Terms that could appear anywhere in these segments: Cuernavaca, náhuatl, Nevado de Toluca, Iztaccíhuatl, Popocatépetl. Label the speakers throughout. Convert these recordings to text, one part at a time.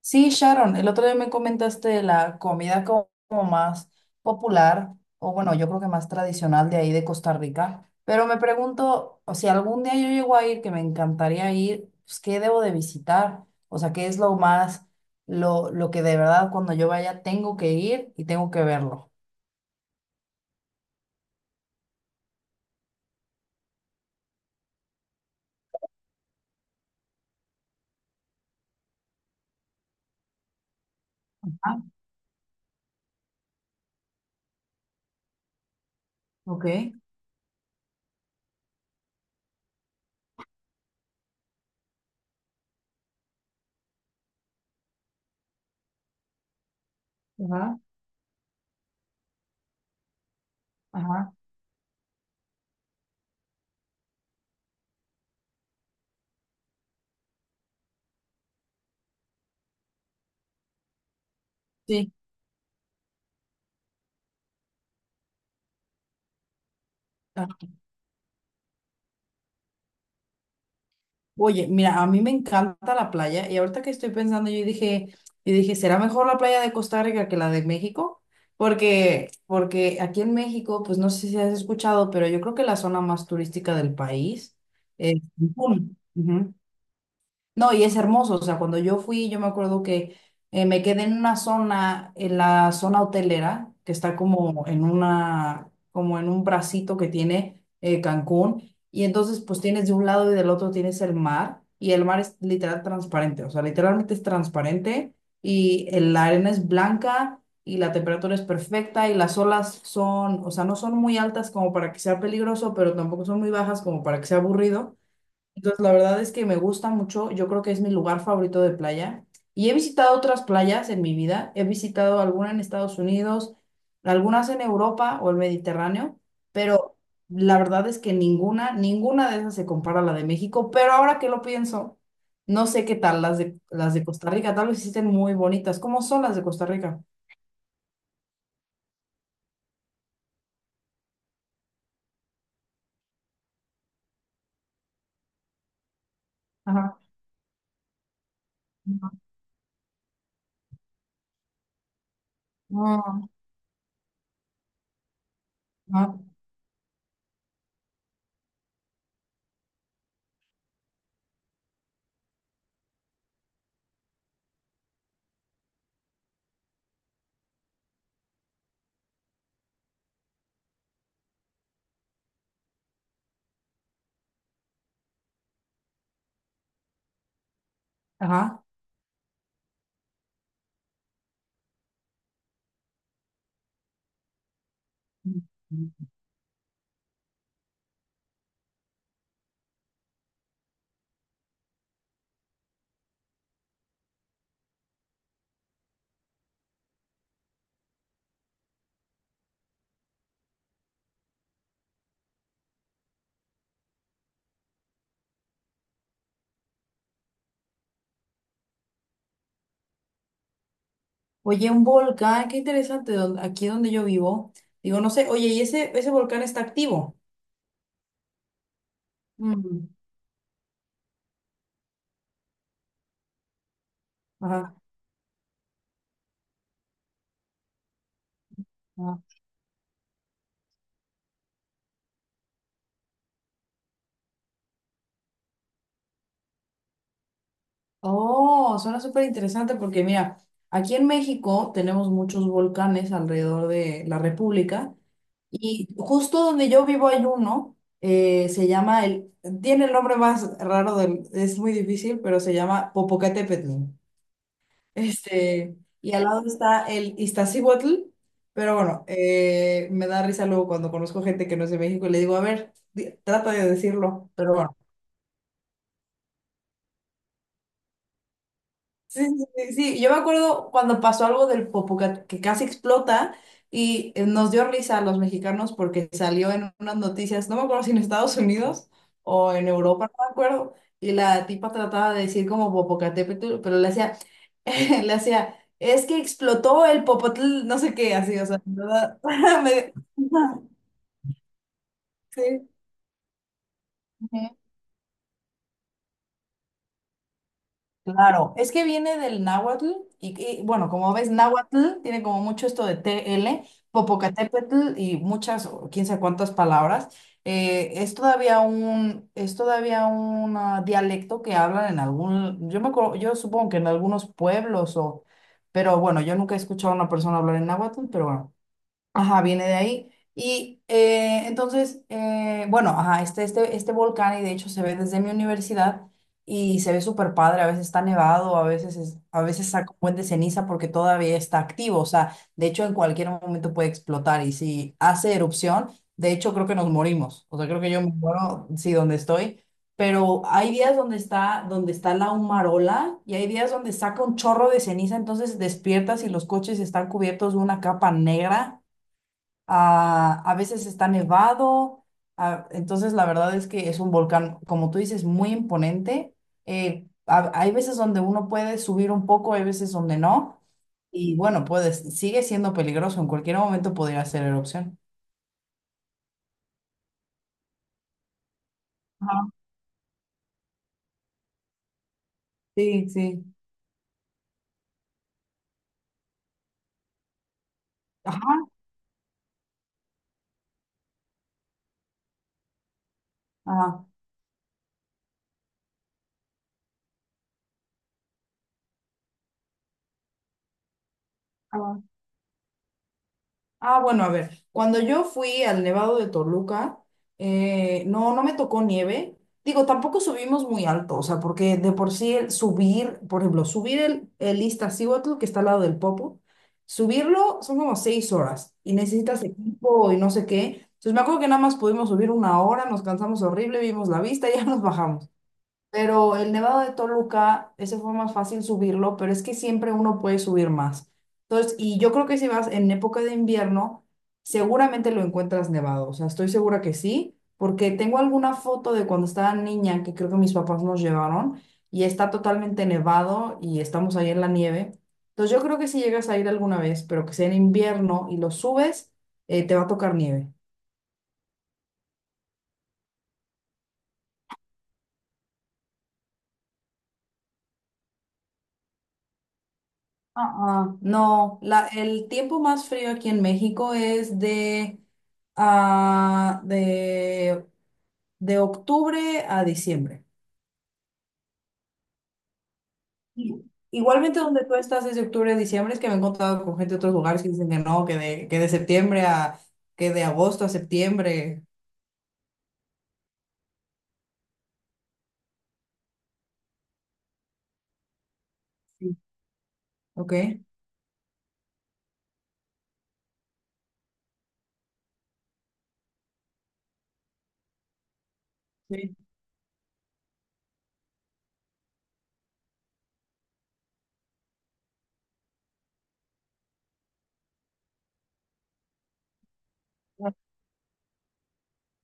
Speaker 1: Sí, Sharon, el otro día me comentaste de la comida como más popular, o bueno, yo creo que más tradicional de ahí de Costa Rica, pero me pregunto, o si algún día yo llego a ir, que me encantaría ir, pues, ¿qué debo de visitar? O sea, ¿qué es lo más, lo que de verdad cuando yo vaya tengo que ir y tengo que verlo? Ah, ok. Ajá, ajá. Sí. Oye, mira, a mí me encanta la playa y ahorita que estoy pensando, yo dije, ¿será mejor la playa de Costa Rica que la de México? Porque aquí en México, pues no sé si has escuchado, pero yo creo que la zona más turística del país es Cancún. Ujú. No, y es hermoso, o sea, cuando yo fui, yo me acuerdo que me quedé en una zona, en la zona hotelera, que está como en una, como en un bracito que tiene Cancún, y entonces pues tienes de un lado y del otro tienes el mar, y el mar es literal transparente, o sea, literalmente es transparente, y la arena es blanca, y la temperatura es perfecta, y las olas son, o sea, no son muy altas como para que sea peligroso, pero tampoco son muy bajas como para que sea aburrido. Entonces, la verdad es que me gusta mucho. Yo creo que es mi lugar favorito de playa. Y he visitado otras playas en mi vida. He visitado alguna en Estados Unidos, algunas en Europa o el Mediterráneo, pero la verdad es que ninguna de esas se compara a la de México. Pero ahora que lo pienso, no sé qué tal las de Costa Rica. Tal vez existen muy bonitas. ¿Cómo son las de Costa Rica? Ajá. Ajá. Ajá. Ajá. Oye, un volcán, qué interesante, aquí donde yo vivo. Digo, no sé, oye, ¿y ese volcán está activo? Mm, ajá, ajá. Oh, suena súper interesante porque mira, aquí en México tenemos muchos volcanes alrededor de la República y justo donde yo vivo hay uno, se llama el, tiene el nombre más raro del, es muy difícil, pero se llama Popocatépetl. Este, y al lado está el Iztaccíhuatl, pero bueno, me da risa luego cuando conozco gente que no es de México y le digo, a ver, trata de decirlo, pero bueno. Sí, sí, sí, sí. Yo me acuerdo cuando pasó algo del Popocatépetl que casi explota y nos dio risa a los mexicanos porque salió en unas noticias, no me acuerdo si en Estados Unidos o en Europa, no me acuerdo, y la tipa trataba de decir como Popocatépetl, pero le hacía, le hacía, es que explotó el Popotl, no sé qué, así, o sea, ¿verdad? Me- Sí. Claro, es que viene del náhuatl y, bueno, como ves, náhuatl tiene como mucho esto de TL, Popocatépetl y muchas, o quién sabe cuántas palabras. Es todavía un dialecto que hablan en algún, yo supongo que en algunos pueblos o, pero bueno, yo nunca he escuchado a una persona hablar en náhuatl, pero bueno. Ajá, viene de ahí. Y entonces, bueno, ajá, este volcán, y de hecho se ve desde mi universidad, y se ve súper padre, a veces está nevado, a veces, a veces saca un buen de ceniza porque todavía está activo, o sea, de hecho en cualquier momento puede explotar, y si hace erupción, de hecho creo que nos morimos, o sea, creo que yo me muero, sí, donde estoy, pero hay días donde está la humarola, y hay días donde saca un chorro de ceniza, entonces despiertas y los coches están cubiertos de una capa negra. Ah, a veces está nevado, entonces la verdad es que es un volcán, como tú dices, muy imponente. Hay veces donde uno puede subir un poco, hay veces donde no, y bueno, puedes, sigue siendo peligroso, en cualquier momento podría hacer erupción. Ajá. Sí, sí. Ajá, ajá. Ah, bueno, a ver, cuando yo fui al Nevado de Toluca, no, no me tocó nieve. Digo, tampoco subimos muy alto, o sea, porque de por sí el subir, por ejemplo, subir el Iztaccíhuatl, que está al lado del Popo, subirlo son como 6 horas y necesitas equipo y no sé qué. Entonces me acuerdo que nada más pudimos subir una hora, nos cansamos horrible, vimos la vista y ya nos bajamos. Pero el Nevado de Toluca, ese fue más fácil subirlo, pero es que siempre uno puede subir más. Entonces, y yo creo que si vas en época de invierno, seguramente lo encuentras nevado. O sea, estoy segura que sí, porque tengo alguna foto de cuando estaba niña que creo que mis papás nos llevaron y está totalmente nevado y estamos ahí en la nieve. Entonces, yo creo que si llegas a ir alguna vez, pero que sea en invierno y lo subes, te va a tocar nieve. No, la, el tiempo más frío aquí en México es ah, de, de octubre a diciembre. Y- Igualmente donde tú estás es de octubre a diciembre, es que me he encontrado con gente de otros lugares que dicen que no, que de septiembre a, que de agosto a septiembre. Sí. ¿Ok? Sí.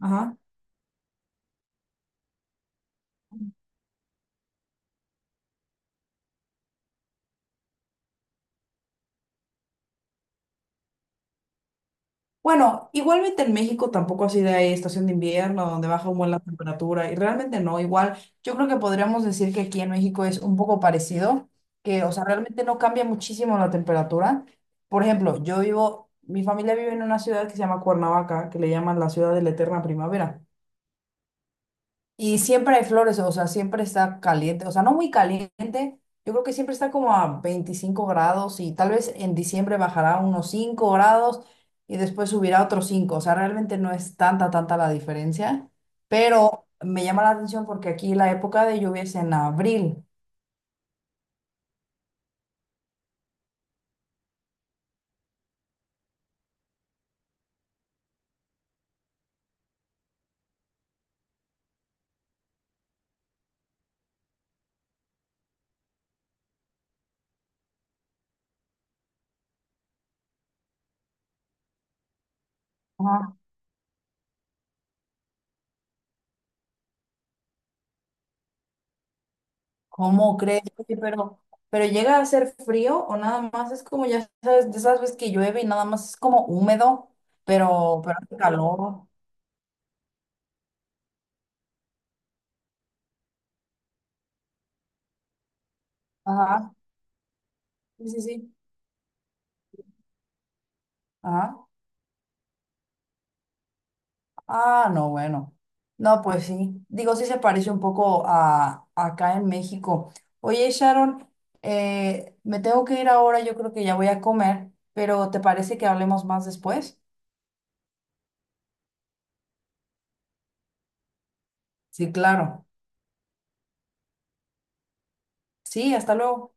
Speaker 1: Ajá. Bueno, igualmente en México tampoco así de ahí estación de invierno donde baja un buen la temperatura y realmente no, igual yo creo que podríamos decir que aquí en México es un poco parecido, que o sea, realmente no cambia muchísimo la temperatura. Por ejemplo, yo vivo, mi familia vive en una ciudad que se llama Cuernavaca, que le llaman la ciudad de la eterna primavera. Y siempre hay flores, o sea, siempre está caliente, o sea, no muy caliente, yo creo que siempre está como a 25 grados y tal vez en diciembre bajará unos 5 grados y después subirá otros 5 o sea, realmente no es tanta, tanta la diferencia, pero me llama la atención porque aquí la época de lluvia es en abril. Ajá. ¿Cómo crees? Oye, pero llega a ser frío o nada más es como, ya sabes, de esas veces que llueve y nada más es como húmedo, pero hace calor. Ajá, sí, sí, sí. Ajá. Ah, no, bueno. No, pues sí. Digo, sí se parece un poco a acá en México. Oye, Sharon, me tengo que ir ahora, yo creo que ya voy a comer, pero ¿te parece que hablemos más después? Sí, claro. Sí, hasta luego.